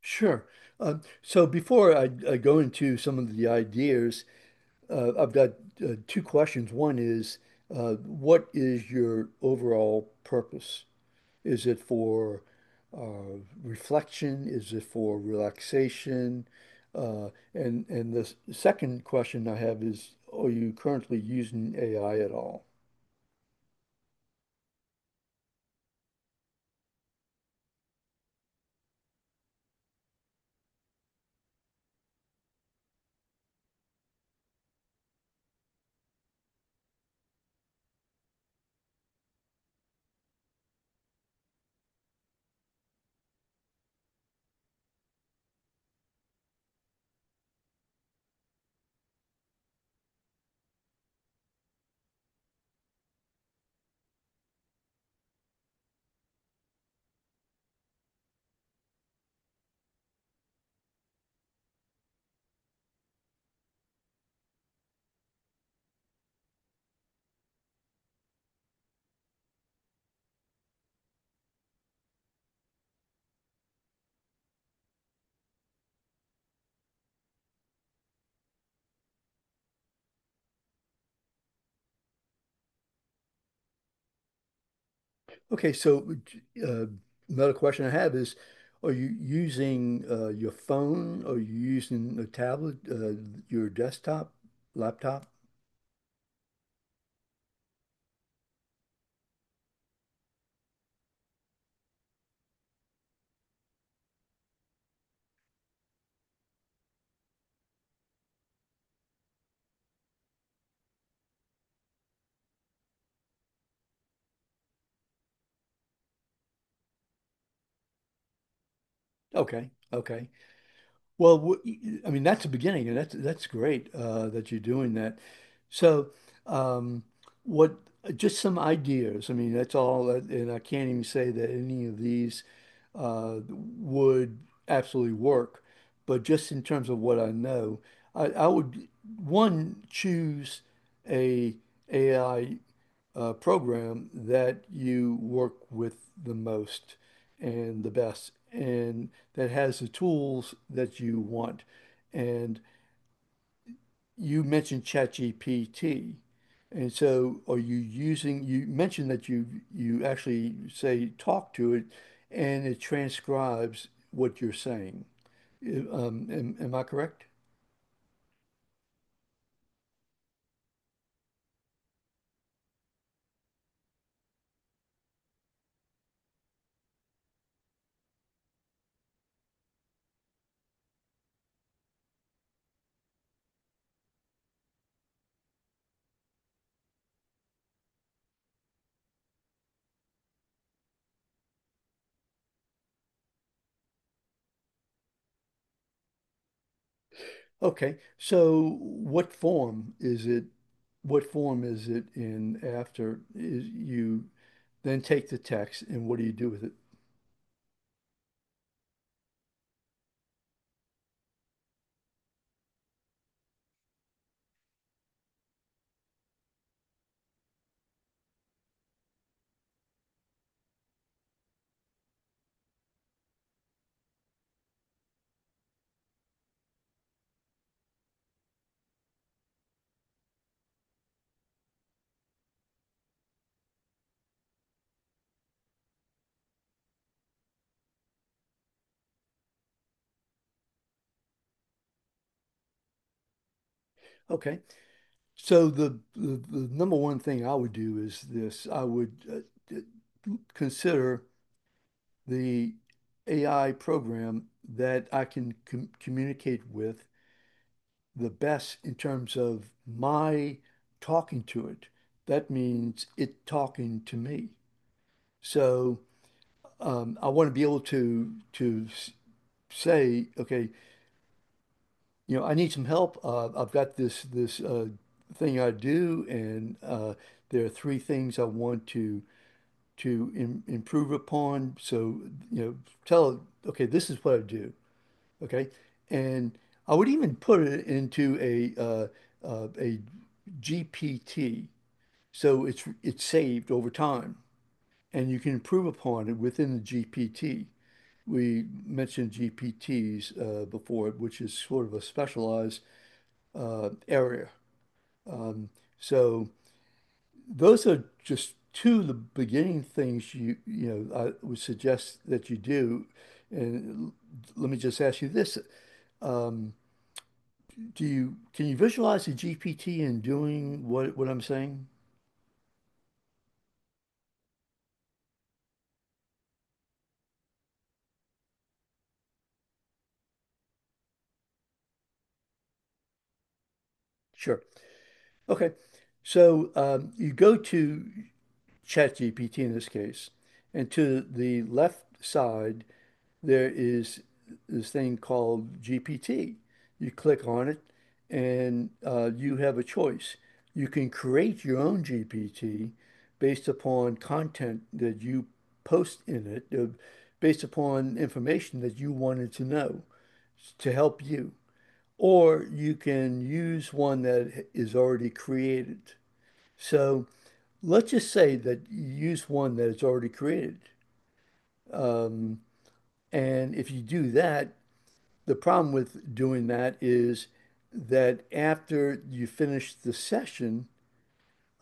Sure. So before I go into some of the ideas, I've got two questions. One is, what is your overall purpose? Is it for reflection? Is it for relaxation? Uh, and the second question I have is, are you currently using AI at all? Okay, so uh, another question I have is, are you using your phone? Are you using a tablet, your desktop, laptop? Okay, okay. Well, I mean, that's the beginning, and that's great that you're doing that. So, um, what? Just some ideas. I mean, that's all, and I can't even say that any of these would absolutely work. But just in terms of what I know, I would one choose a AI program that you work with the most and the best, and that has the tools that you want. And you mentioned ChatGPT. And so are you using, you mentioned that you actually say talk to it and it transcribes what you're saying. Am I correct? Okay. So what form is it? What form is it in after is you then take the text and what do you do with it? Okay. So the number one thing I would do is this. I would d- consider the AI program that I can communicate with the best in terms of my talking to it. That means it talking to me. So I want to be able to say, okay, you know, I need some help. I've got this thing I do, and there are three things I want to im improve upon. So, you know, tell, it, okay, this is what I do, okay, and I would even put it into a GPT, so it's saved over time, and you can improve upon it within the GPT. We mentioned GPTs before, which is sort of a specialized area. So those are just two of the beginning things you know I would suggest that you do. And let me just ask you this: um, Do you can you visualize a GPT in doing what I'm saying? Sure. Okay. So you go to ChatGPT in this case, and to the left side there is this thing called GPT. You click on it, and you have a choice. You can create your own GPT based upon content that you post in it, based upon information that you wanted to know to help you. Or you can use one that is already created. So let's just say that you use one that is already created. And if you do that, the problem with doing that is that after you finish the session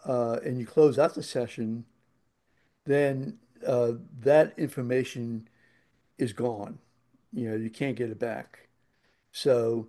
and you close out the session, then uh, that information is gone. You know, you can't get it back. So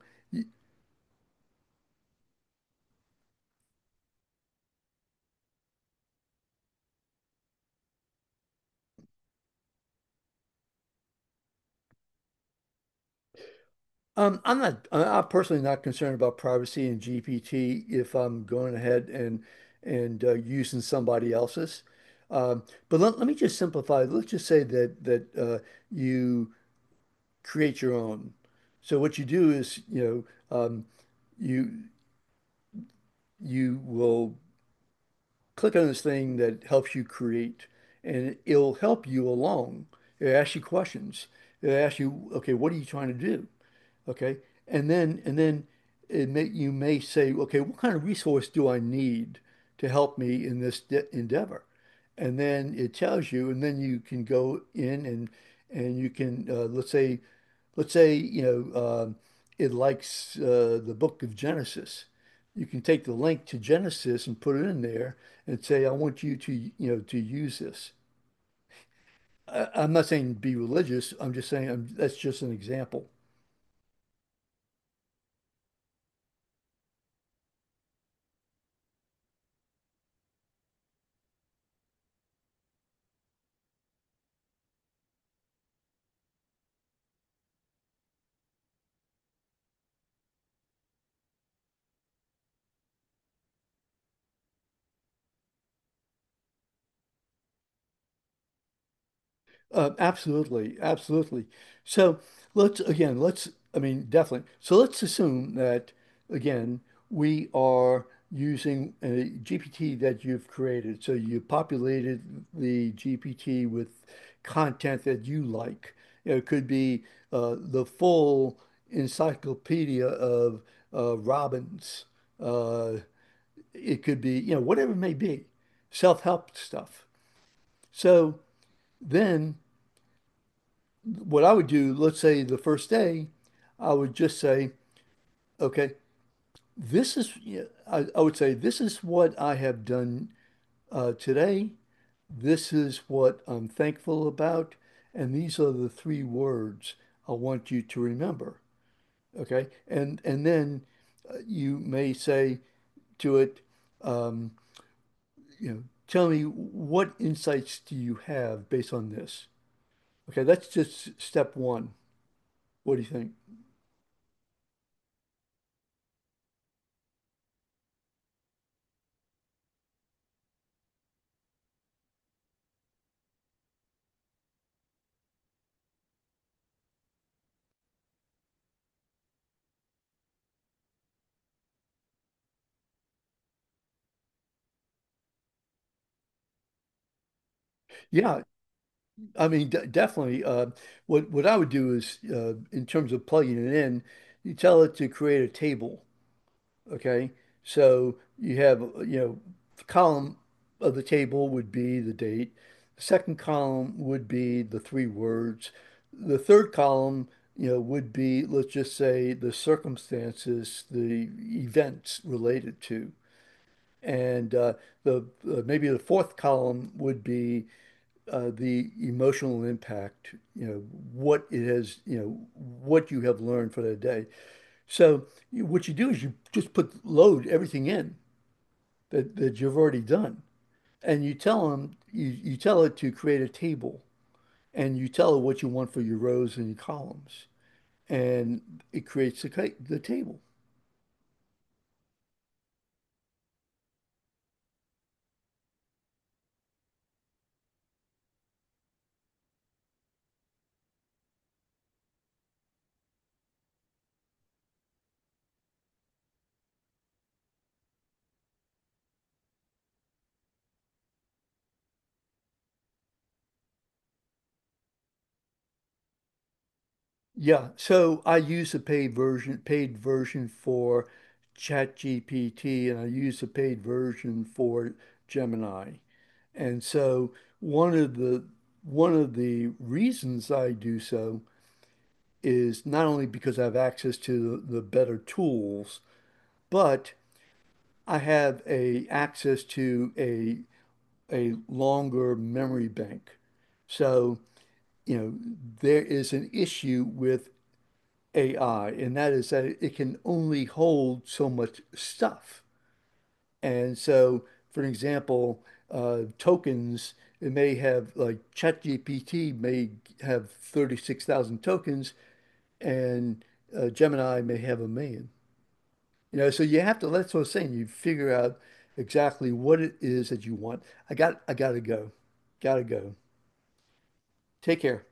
I'm not, am personally not concerned about privacy in GPT if I'm going ahead and using somebody else's. Let me just simplify. Let's just say that you create your own. So what you do is, you know, you you will click on this thing that helps you create, and it'll help you along. It asks you questions. It asks you, okay, what are you trying to do? Okay. And then it may you may say, okay, what kind of resource do I need to help me in this de endeavor? And then it tells you, and then you can go in and you can let's say you know it likes the book of Genesis. You can take the link to Genesis and put it in there and say, I want you to you know to use this. I'm not saying be religious. I'm just saying I that's just an example. Absolutely, absolutely. So let's again, let's, I mean, definitely. So let's assume that again, we are using a GPT that you've created. So you populated the GPT with content that you like. You know, it could be the full encyclopedia of Robbins. Uh, it could be, you know, whatever it may be, self-help stuff. So then. What I would do, let's say the first day, I would just say, okay, this is, yeah, I would say, this is what I have done today. This is what I'm thankful about. And these are the three words I want you to remember. Okay. And then you may say to it, um, you know, tell me what insights do you have based on this? Okay. That's just step one. What do you think? Yeah. I mean, de definitely. What I would do is, in terms of plugging it in, you tell it to create a table. Okay, so you have you know, the column of the table would be the date. The second column would be the three words. The third column, you know, would be let's just say the circumstances, the events related to, and the maybe the fourth column would be the emotional impact, you know, what it has, you know, what you have learned for that day. So you, what you do is you just put load everything in that you've already done. And you tell them, you tell it to create a table and you tell it what you want for your rows and your columns. And it creates the table. Yeah. So I use the paid version for ChatGPT and I use the paid version for Gemini. And so one of the one of the reasons I do so is not only because I have access to the better tools, but I have a access to a longer memory bank. So, you know, there is an issue with AI, and that is that it can only hold so much stuff. And so, for example, tokens, it may have like ChatGPT may have 36,000 tokens and Gemini may have a million. You know, so you have to, that's what I'm saying. You figure out exactly what it is that you want. I gotta go. Gotta go. Take care.